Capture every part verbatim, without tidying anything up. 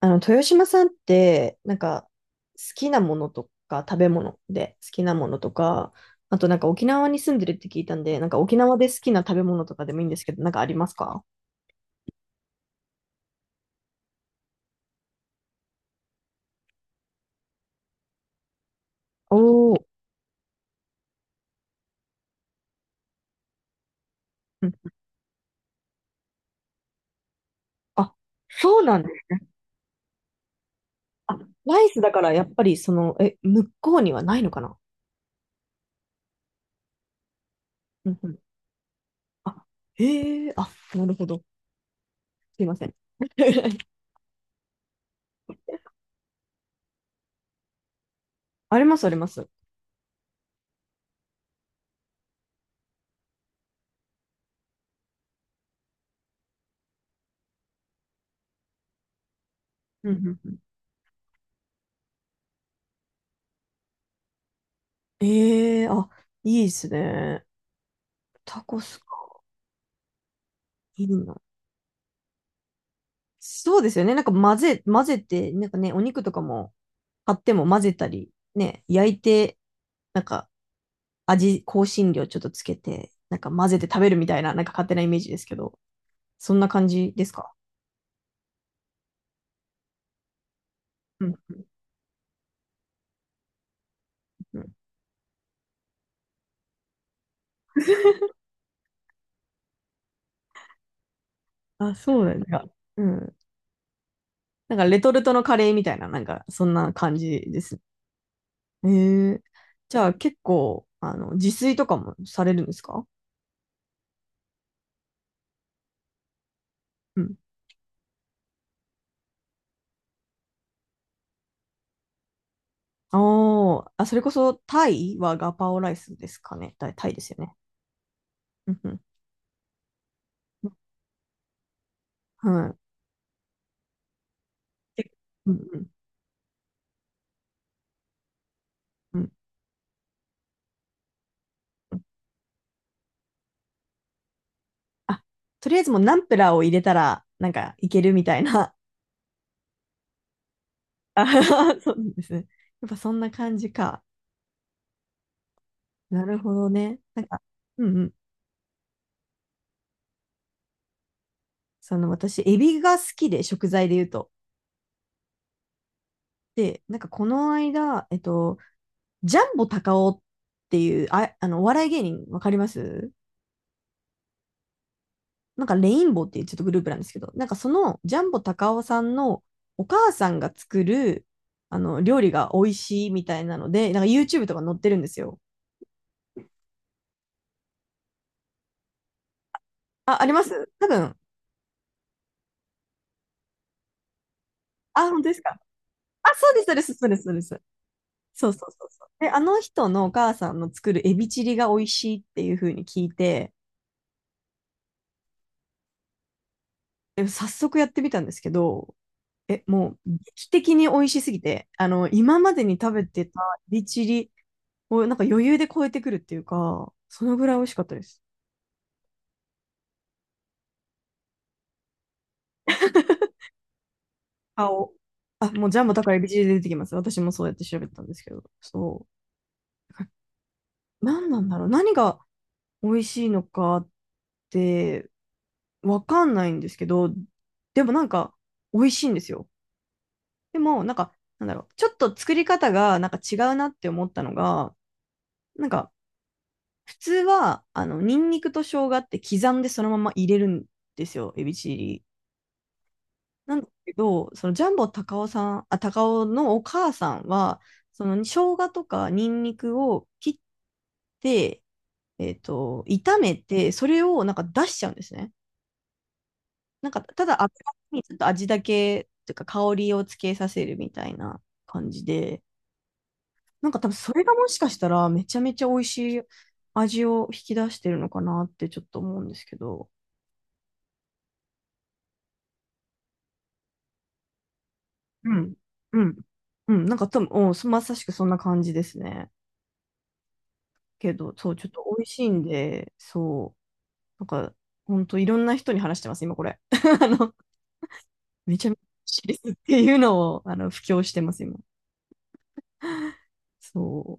あの、豊島さんって、なんか、好きなものとか、食べ物で好きなものとか、あとなんか沖縄に住んでるって聞いたんで、なんか沖縄で好きな食べ物とかでもいいんですけど、なんかありますか？おー、うん。あ、そうなんです。あ、ライスだからやっぱりその、え、向こうにはないのかな？うんうん。あ、へえ、あ、なるほど。すいません。あります、あります。うんうんうん。ええ、あ、いいですね。タコスか。いいな。そうですよね。なんか混ぜ、混ぜて、なんかね、お肉とかも買っても混ぜたり、ね、焼いて、なんか味、香辛料ちょっとつけて、なんか混ぜて食べるみたいな、なんか勝手なイメージですけど、そんな感じですか？うんうんうん。あ、そうだよね。なんかうん。なんかレトルトのカレーみたいな、なんかそんな感じですね。へえー、じゃあ結構、あの、自炊とかもされるんですか？うん。おー、あ、それこそタイはガパオライスですかね。タイ、タイですよね。うんうん。はい。で、うんうんうんうん。あ、とりあえずもうナンプラーを入れたら、なんかいけるみたいな。あはは、そうなんですね。やっぱそんな感じか。なるほどね。なんか、うんうん。その私、エビが好きで、食材で言うと。で、なんかこの間、えっと、ジャンボ高尾っていう、あ、あの、お笑い芸人、わかります？なんかレインボーっていうちょっとグループなんですけど、なんかそのジャンボ高尾さんのお母さんが作るあの料理が美味しいみたいなので、なんか YouTube とか載ってるんですよ。あ、あります多分。あ、本当ですか？あ、そうです、そうです、そうです、そうです。そうそうそうそう。で、あの人のお母さんの作るエビチリが美味しいっていう風に聞いて、で早速やってみたんですけど、え、もう劇的に美味しすぎて、あの、今までに食べてたエビチリをなんか余裕で超えてくるっていうか、そのぐらい美味しかったです。顔。あ、もうジャンボ高いエビチリで出てきます。私もそうやって調べたんですけど。そう。何なんだろう。何が美味しいのかってわかんないんですけど、でもなんか美味しいんですよ。でもなんか、なんだろう。ちょっと作り方がなんか違うなって思ったのが、なんか普通は、あの、ニンニクと生姜って刻んでそのまま入れるんですよ。エビチリなんだけど、そのジャンボ高尾さん、あ、高尾のお母さんは、その生姜とかニンニクを切って、えっと、炒めて、それをなんか出しちゃうんですね。なんか、ただ油にちょっと味だけ、というか香りをつけさせるみたいな感じで、なんか多分それがもしかしたらめちゃめちゃ美味しい味を引き出してるのかなってちょっと思うんですけど。うん、うん、うん、なんか多分、うん、まさしくそんな感じですね。けど、そう、ちょっと美味しいんで、そう、なんか、ほんといろんな人に話してます、今これ。あの、めちゃめちゃ美味しいですっていうのを、あの、布教してます、今。そ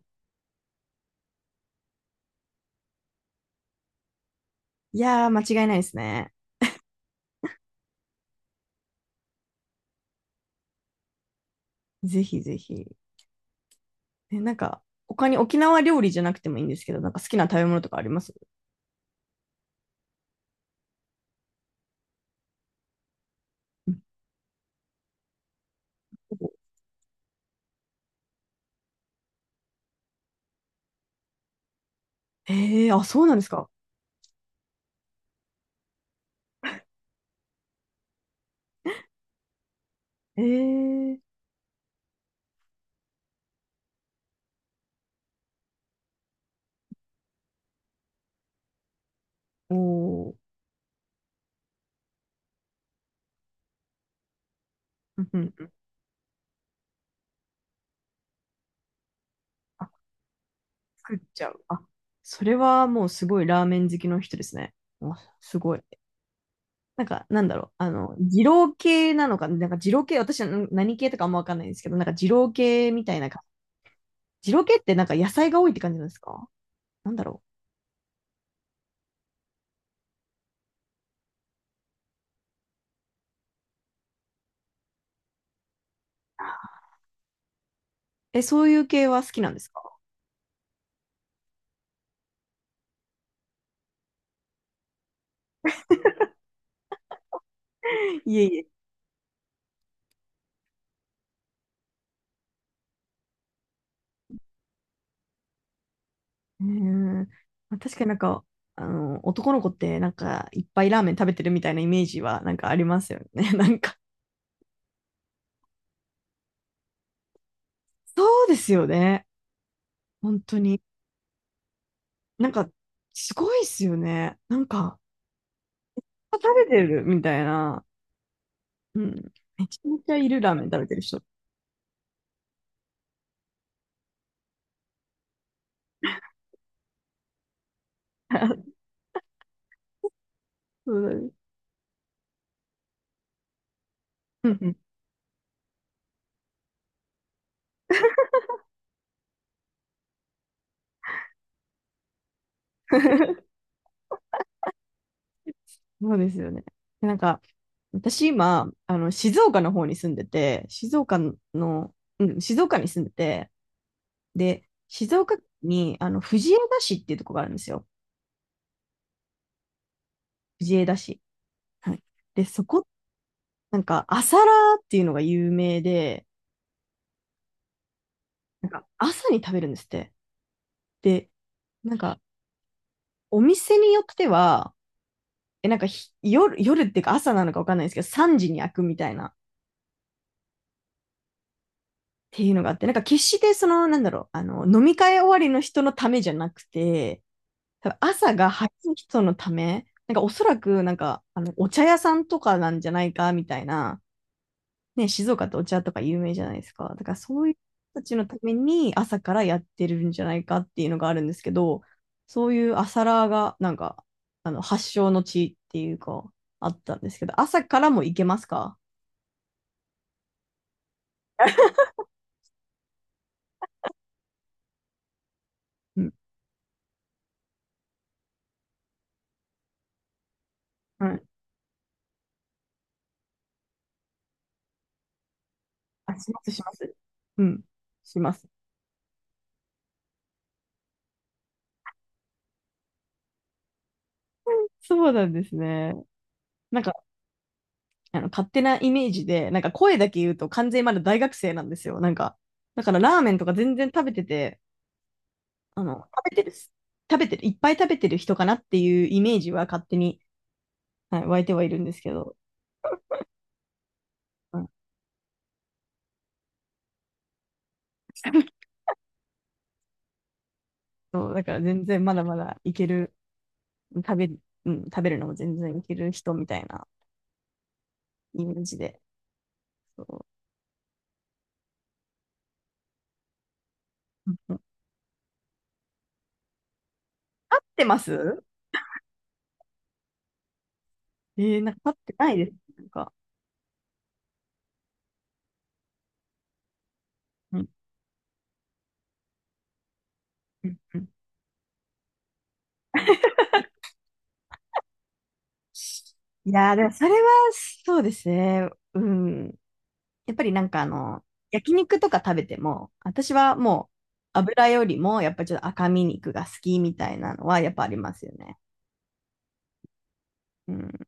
う。いやー、間違いないですね。ぜひぜひ。え、なんか、他に沖縄料理じゃなくてもいいんですけど、なんか好きな食べ物とかあります？ええー、あ、そうなんですか。ええー、おー、うんうんうん。あ、作っちゃう。あ、それはもうすごいラーメン好きの人ですね。あ、すごい。なんか、なんだろう、あの、二郎系なのか、なんか二郎系、私はん何系とかあんまわかんないんですけど、なんか二郎系みたいなか、二郎系ってなんか野菜が多いって感じなんですか？なんだろう。え、そういう系は好きなんですか？ いえいえ。うーん。まあ確かになんか、あの、男の子ってなんかいっぱいラーメン食べてるみたいなイメージはなんかありますよね。なんか、そうですよね。本当に。なんか、すごいですよね。なんか、食べてるみたいな。うん。めちゃめちゃいるラーメン食べてる人。そうなんです。うんうん。 そうですよね。でなんか、私今、あの、静岡の方に住んでて、静岡の、うん、静岡に住んでて、で、静岡県に、あの、藤枝市っていうとこがあるんですよ。藤枝市。はい。で、そこ、なんか、朝ラーっていうのが有名で、なんか、朝に食べるんですって。で、なんか、お店によっては、え、なんかひ、夜、夜っていうか朝なのかわかんないですけど、さんじに開くみたいなていうのがあって、なんか決してその、なんだろう、あの、飲み会終わりの人のためじゃなくて、多分朝が早い人のため、なんかおそらくなんか、あの、お茶屋さんとかなんじゃないかみたいな、ね、静岡ってお茶とか有名じゃないですか。だからそういう人たちのために朝からやってるんじゃないかっていうのがあるんですけど、そういう朝ラーがなんか、あの、発祥の地っていうか、あったんですけど、朝からも行けますか？うん。うん。あ、します、します。うん。します。そうなんですね。なんか、あの、勝手なイメージで、なんか声だけ言うと完全にまだ大学生なんですよ。なんか、だからラーメンとか全然食べてて、あの、食べてるす、食べてる、いっぱい食べてる人かなっていうイメージは勝手に、はい、湧いてはいるんですけど、うん、そう、だから全然まだまだいける、食べる、うん、食べるのも全然いける人みたいなイメージで。そう。うん、立ってます？えー、なんか立ってないです。なんか。うんうんうん。いやー、でもそれはそうですね。うん。やっぱりなんかあの、焼肉とか食べても、私はもう油よりもやっぱちょっと赤身肉が好きみたいなのはやっぱありますよね。うん。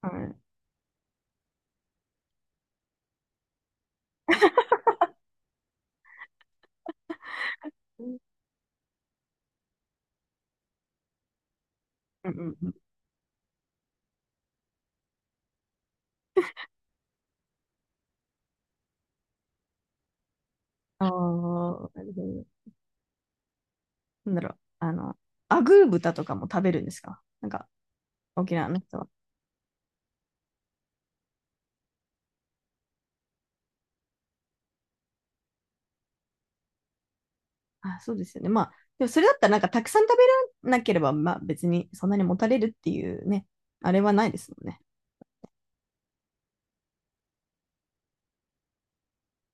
はい。うんうんうん。ああ、なるほど。なんだろう。あの、アグー豚とかも食べるんですか？なんか、沖縄の人は。あ、そうですよね。まあ、でもそれだったらなんかたくさん食べらなければ、まあ別にそんなにもたれるっていうね、あれはないですもんね。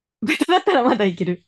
豚だったらまだいける。